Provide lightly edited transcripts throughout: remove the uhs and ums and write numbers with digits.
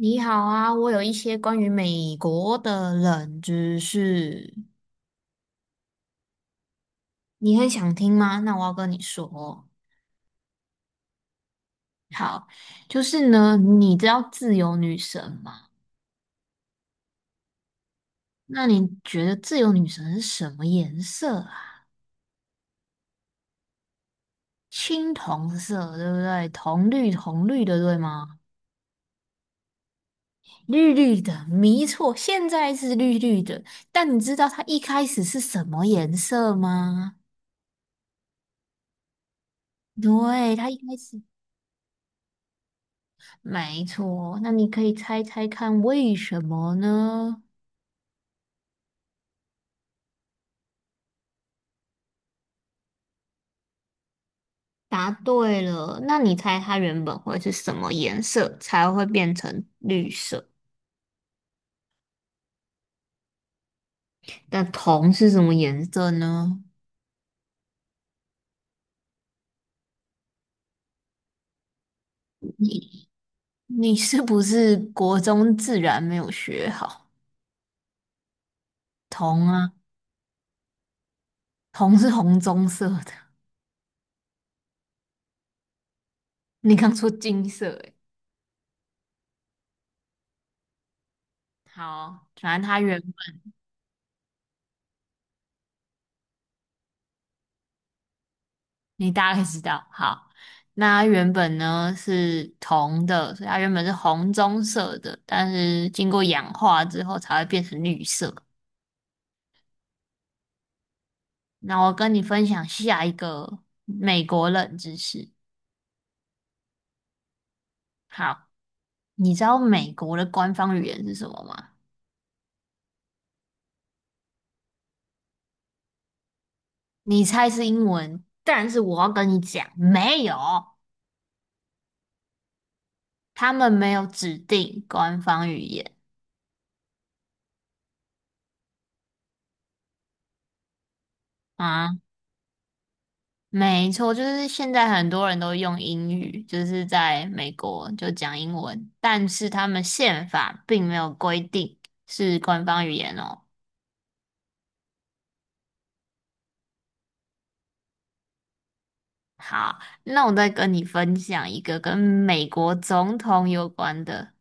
你好啊，我有一些关于美国的冷知识，你很想听吗？那我要跟你说，好，就是呢，你知道自由女神吗？那你觉得自由女神是什么颜色啊？青铜色，对不对？铜绿铜绿的，对吗？绿绿的，没错，现在是绿绿的，但你知道它一开始是什么颜色吗？对，它一开始。没错，那你可以猜猜看为什么呢？答对了，那你猜它原本会是什么颜色才会变成绿色？那铜是什么颜色呢？你你是不是国中自然没有学好？铜啊，铜是红棕色的，你刚说金色诶。好，反正它原你大概知道，好，那它原本呢是铜的，所以它原本是红棕色的，但是经过氧化之后才会变成绿色。那我跟你分享下一个美国冷知识。好，你知道美国的官方语言是什么吗？你猜是英文，但是我要跟你讲，没有，他们没有指定官方语言。啊。没错，就是现在很多人都用英语，就是在美国就讲英文，但是他们宪法并没有规定是官方语言哦。好，那我再跟你分享一个跟美国总统有关的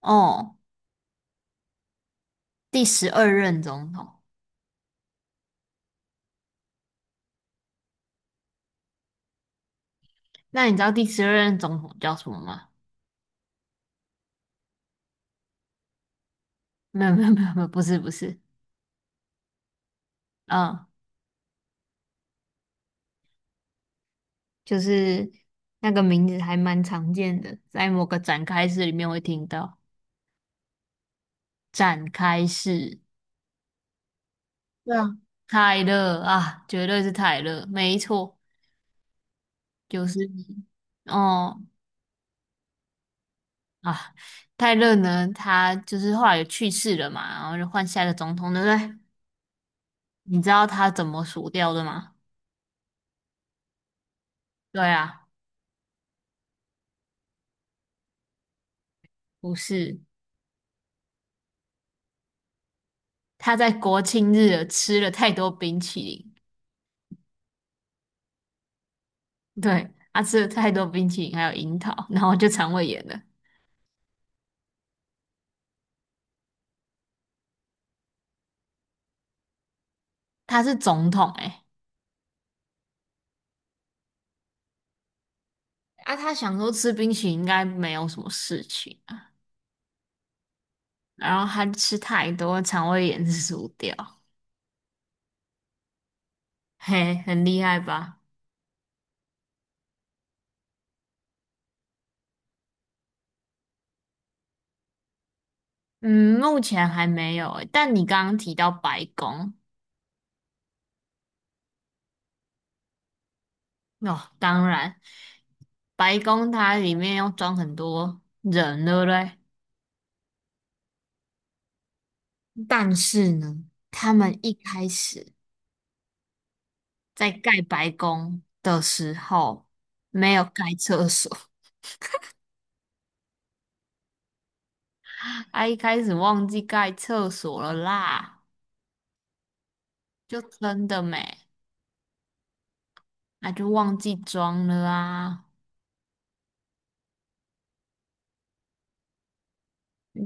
哦，第十二任总统。那你知道第十二任总统叫什么吗？没有，没有，没有，没有不是，不是，嗯，就是那个名字还蛮常见的，在某个展开式里面会听到展开式。对啊，泰勒啊，绝对是泰勒，没错，就是你哦啊，泰勒呢，他就是后来有去世了嘛，然后就换下一个总统，对不对？你知道他怎么死掉的吗？对啊，不是，他在国庆日吃了太多冰淇淋，对，他吃了太多冰淇淋，还有樱桃，然后就肠胃炎了。他是总统诶、啊，他想说吃冰淇淋应该没有什么事情啊，然后他吃太多，肠胃炎是输掉。嘿，很厉害吧？嗯，目前还没有欸，但你刚刚提到白宫，哦，当然，白宫它里面要装很多人，对不对？但是呢，他们一开始在盖白宫的时候没有盖厕所，他一开始忘记盖厕所了啦，就真的没，那就忘记装了啊，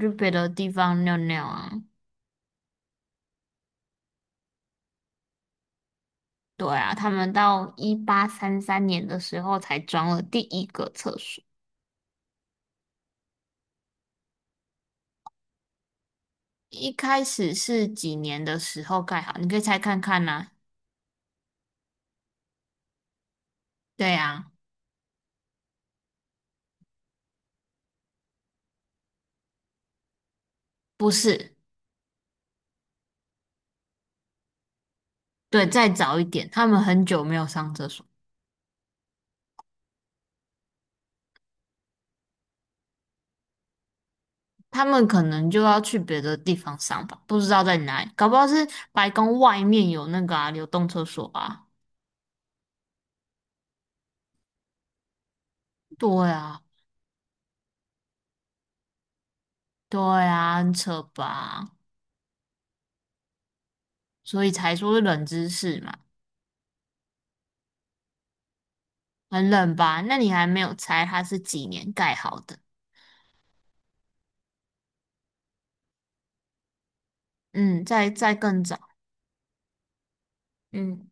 就别的地方尿尿啊。对啊，他们到1833年的时候才装了第一个厕所。一开始是几年的时候盖好？你可以猜看看呐、对啊，不是，对，再早一点，他们很久没有上厕所，他们可能就要去别的地方上吧，不知道在哪里，搞不好是白宫外面有那个啊流动厕所啊。对啊，对啊，很扯吧？所以才说是冷知识嘛，很冷吧？那你还没有猜它是几年盖好的？嗯，再更早，嗯，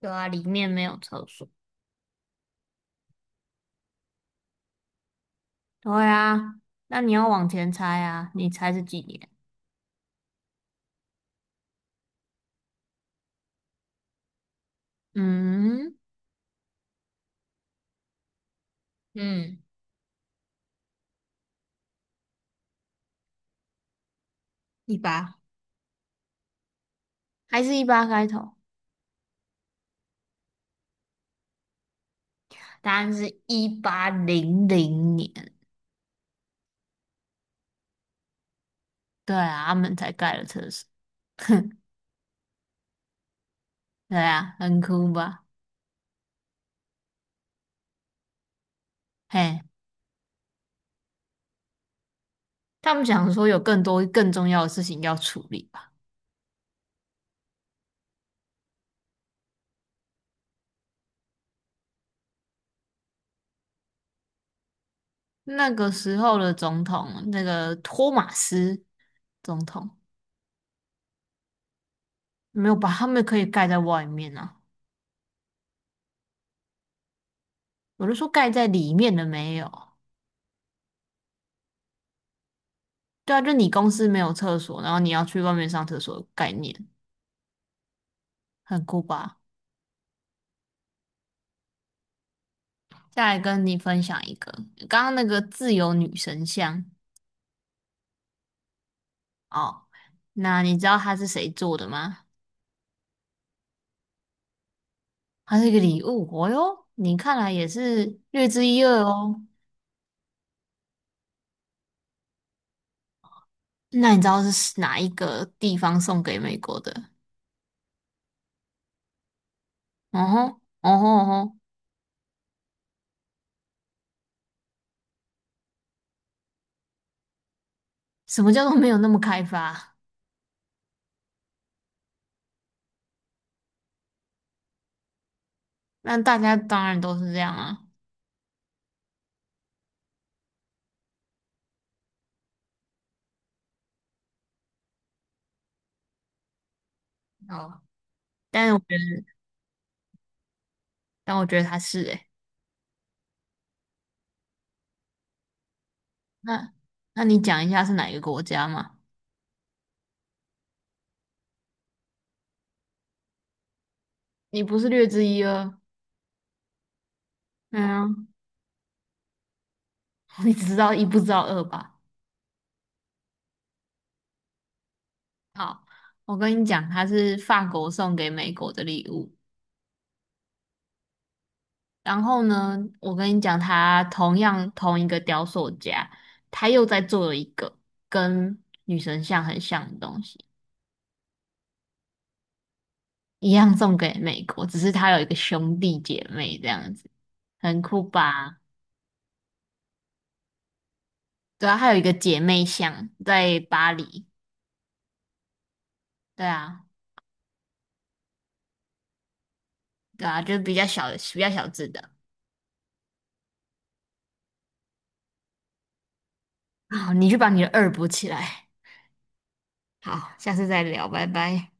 对啊，里面没有厕所。对啊，那你要往前猜啊，你猜是几年？嗯，嗯，一八，还是一八开头？答案是1800年。对啊，他们才盖了厕所。对啊，很酷吧？嘿，他们想说有更多更重要的事情要处理吧？那个时候的总统，那个托马斯总统，没有把他们可以盖在外面啊。我就说盖在里面的没有，对啊，就你公司没有厕所，然后你要去外面上厕所概念，很酷吧？再来跟你分享一个，刚刚那个自由女神像哦，那你知道它是谁做的吗？它是一个礼物，哦哟，你看来也是略知一二哦。那你知道是哪一个地方送给美国的？哦吼，哦吼哦吼，什么叫做没有那么开发？那大家当然都是这样啊。哦，但我觉得，但我觉得他是诶、那那你讲一下是哪一个国家嘛？你不是略知一二，嗯，你只知道一不知道二吧？好，我跟你讲，它是法国送给美国的礼物。然后呢，我跟你讲，他同样同一个雕塑家，他又在做了一个跟女神像很像的东西，一样送给美国，只是他有一个兄弟姐妹这样子，很酷吧？对啊，还有一个姐妹像在巴黎，对啊。对啊，就是比较小字的。好，你去把你的二补起来。好，下次再聊，拜拜。